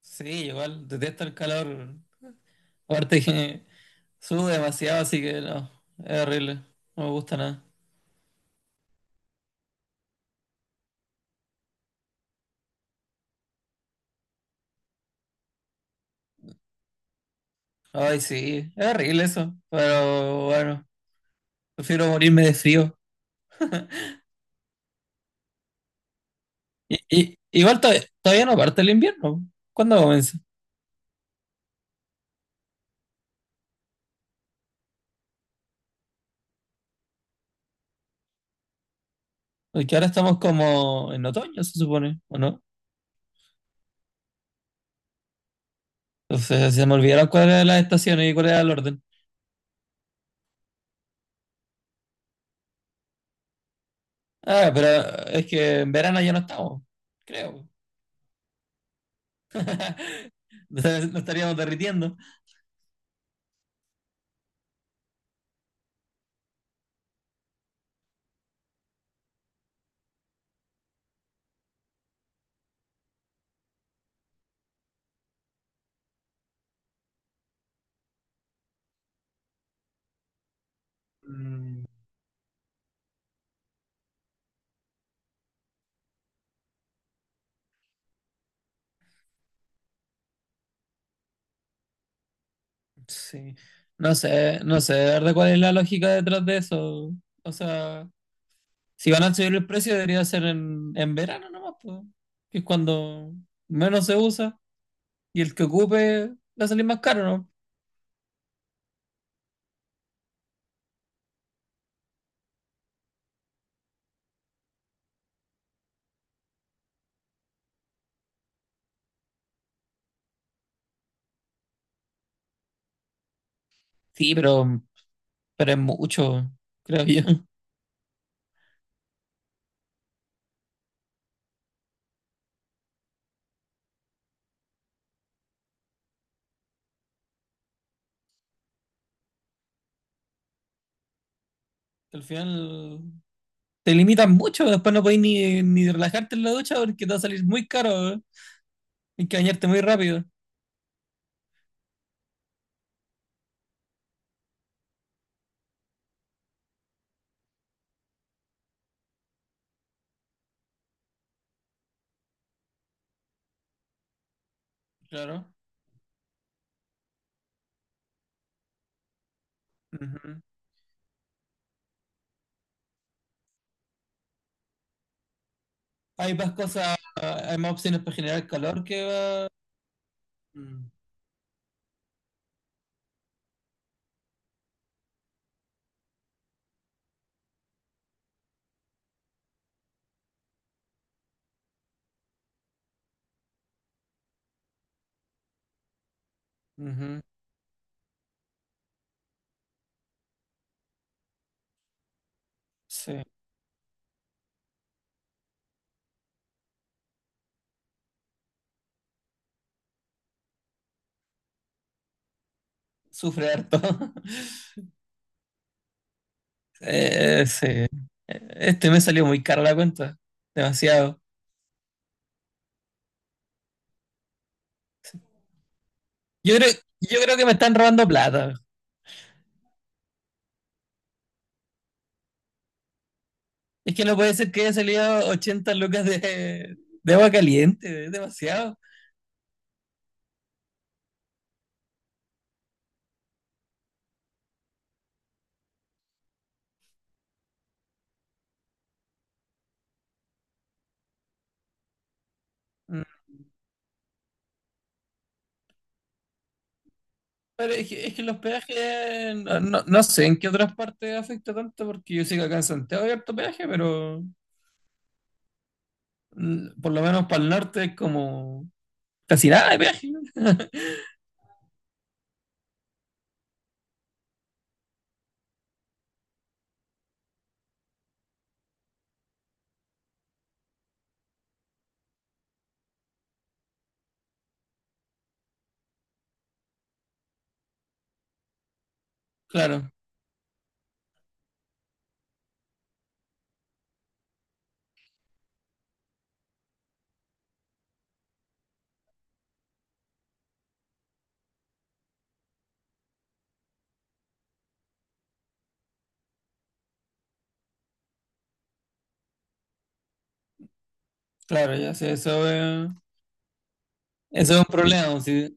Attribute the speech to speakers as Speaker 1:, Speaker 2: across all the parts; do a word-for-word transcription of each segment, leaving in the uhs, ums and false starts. Speaker 1: Sí, igual detesto el calor. Aparte que sube demasiado, así que no, es horrible. No me gusta nada. Ay, sí, es horrible eso. Pero bueno, prefiero morirme de frío. Y, y- igual to- Todavía no parte el invierno. ¿Cuándo comienza? Porque ahora estamos como en otoño, se supone, ¿o no? Entonces se me olvidaron cuáles eran las estaciones y cuál era el orden. Ah, pero es que en verano ya no estamos, creo. Nos estaríamos derritiendo. Mm. Sí. No sé, no sé, de verdad, cuál es la lógica detrás de eso. O sea, si van a subir el precio, debería ser en, en verano nomás, po, que es cuando menos se usa y el que ocupe va a salir más caro, ¿no? Sí, pero, pero es mucho, creo yo. Al final te limitan mucho, después no podés ni, ni relajarte en la ducha porque te va a salir muy caro, ¿eh? Hay que bañarte muy rápido. Claro. Ujú. Hay más cosas, hay más opciones para generar calor que va. mm, ujú. Sí, sufre harto. Eh, sí. Eh, Este me salió muy caro la cuenta. Demasiado. Yo creo, yo creo que me están robando plata. Es que no puede ser que haya salido ochenta lucas de, de agua caliente. Es demasiado. Pero es que, es que el hospedaje, no, no, no sé en qué otras partes afecta tanto, porque yo sé que acá en Santiago hay harto peaje, pero mm, por lo menos para el norte es como casi nada de peaje. Claro, claro, ya sé, eso, es- eso es un problema. Pues, sí.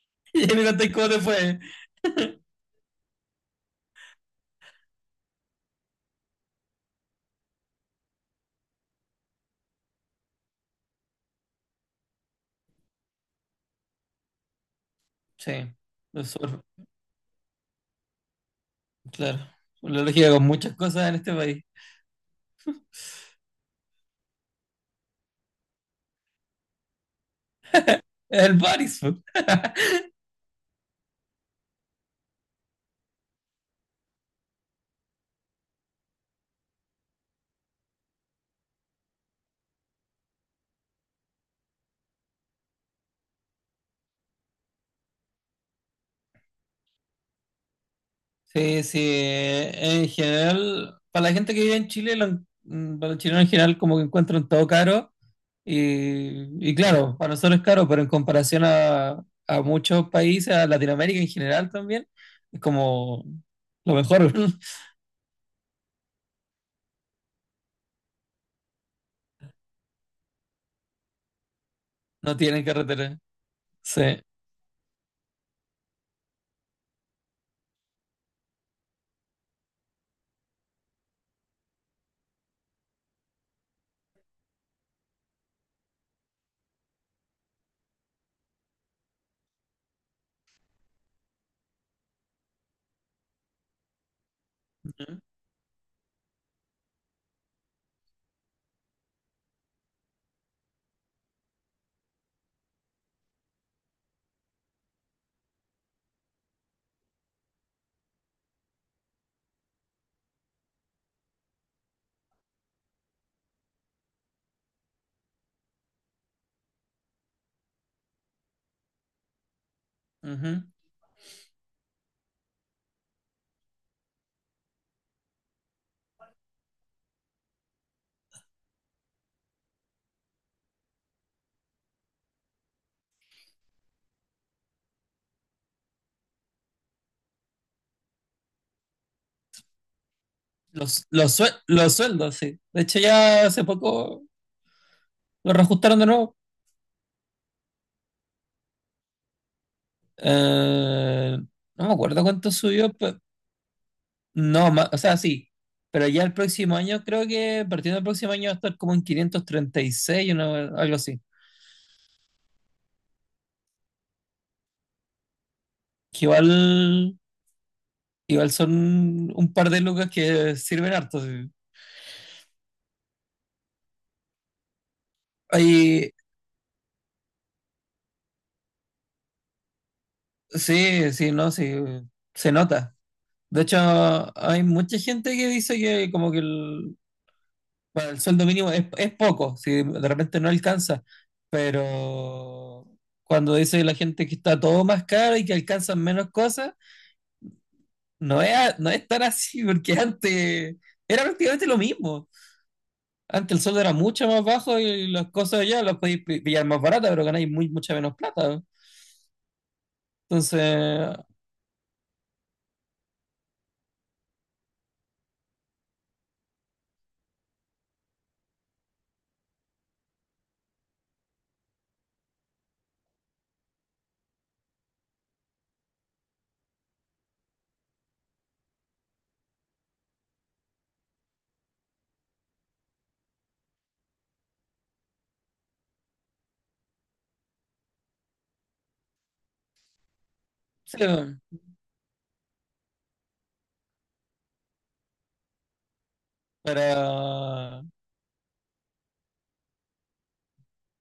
Speaker 1: Y me contáis cómo te fue. Sí, lo sur, claro. La lógica con muchas cosas en este país. Es el Baris, po. Sí, sí, eh, en general, para la gente que vive en Chile, lo en- mm, para los chilenos en general como que encuentran todo caro y, y claro, para nosotros es caro, pero en comparación a, a muchos países, a Latinoamérica en general también, es como lo mejor. No tienen carretera. Sí. Ujú, ujú. Los, los, sue- los sueldos, sí. De hecho, ya hace poco lo reajustaron de nuevo. Eh, no me acuerdo cuánto subió. No, ma- o sea, Sí, pero ya el próximo año, creo que partiendo del próximo año va a estar como en quinientos treinta y seis, una- algo así. Que igual, igual son un par de lucas que sirven harto. Sí. Hay- sí, sí, no, sí, se nota. De hecho, hay mucha gente que dice que como que el, bueno, el sueldo mínimo es, es poco, si de repente no alcanza, pero cuando dice la gente que está todo más caro y que alcanzan menos cosas. No es, a- no es tan así, porque antes era prácticamente lo mismo. Antes el sueldo era mucho más bajo y las cosas allá las podéis pi- pillar más baratas, pero ganáis muy, mucha menos plata. Entonces, sí, para...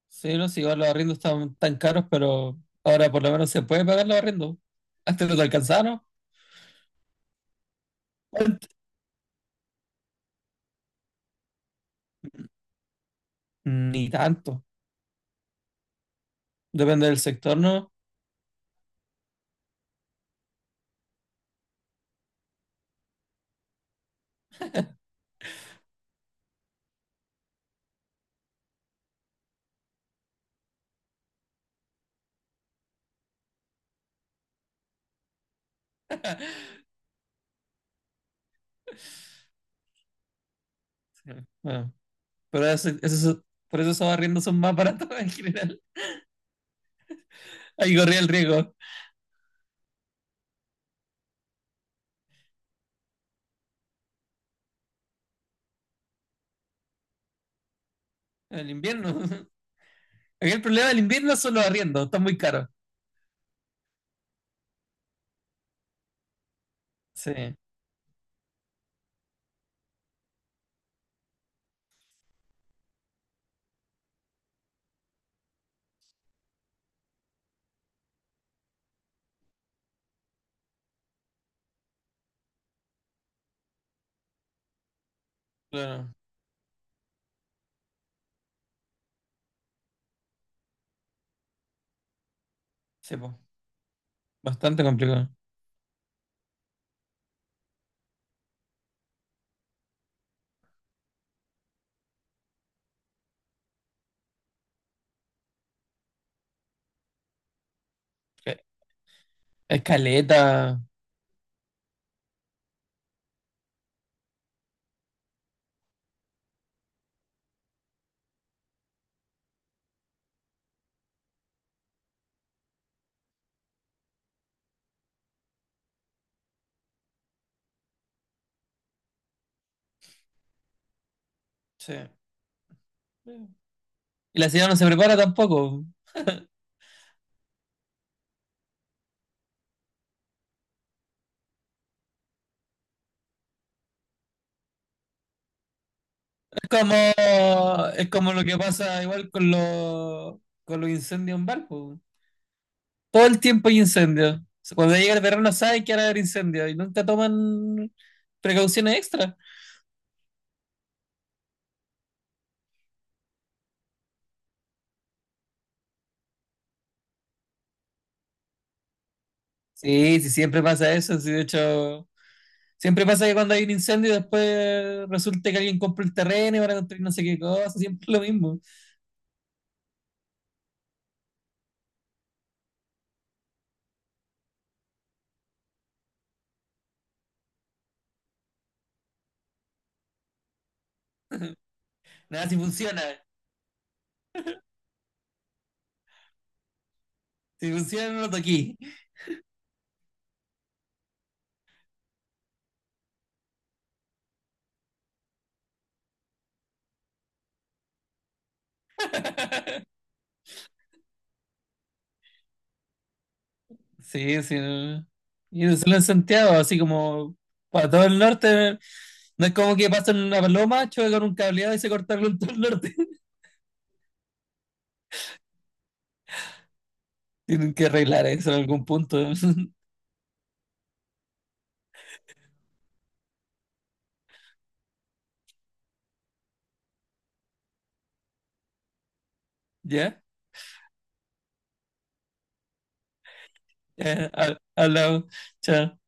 Speaker 1: Sí, no sé, igual los arriendos están tan caros, pero ahora por lo menos se puede pagar los arriendos. Antes no te alcanzaron. Ni tanto. Depende del sector, ¿no? Sí. Bueno, pero ese- ese- por eso esos arriendos son más baratos en general. Ahí corría el riesgo. En invierno. Aquí el problema del invierno son los arriendos, están muy caros. Sí, claro. Sí, po. Bastante complicado. Eh, Escaleta. Sí. Y la ciudad no se prepara tampoco. Es como, es como lo que pasa igual con los, con los incendios en barco. Todo el tiempo hay incendios. Cuando llega el verano saben que van a haber incendios y nunca toman precauciones extra. Sí, sí, siempre pasa eso. Sí, de hecho, siempre pasa que cuando hay un incendio y después resulta que alguien compra el terreno y van a construir no sé qué cosa, siempre lo mismo. Nada, si funciona, si funciona no lo toqué. Sí, sí, no. Y no solo en Santiago, así como para todo el norte, no es como que pasan una paloma, choque con un cableado y se cortaron en todo el norte. Tienen que arreglar eso en algún punto. ¿Ya? Ya, ha- hablamos. Chao.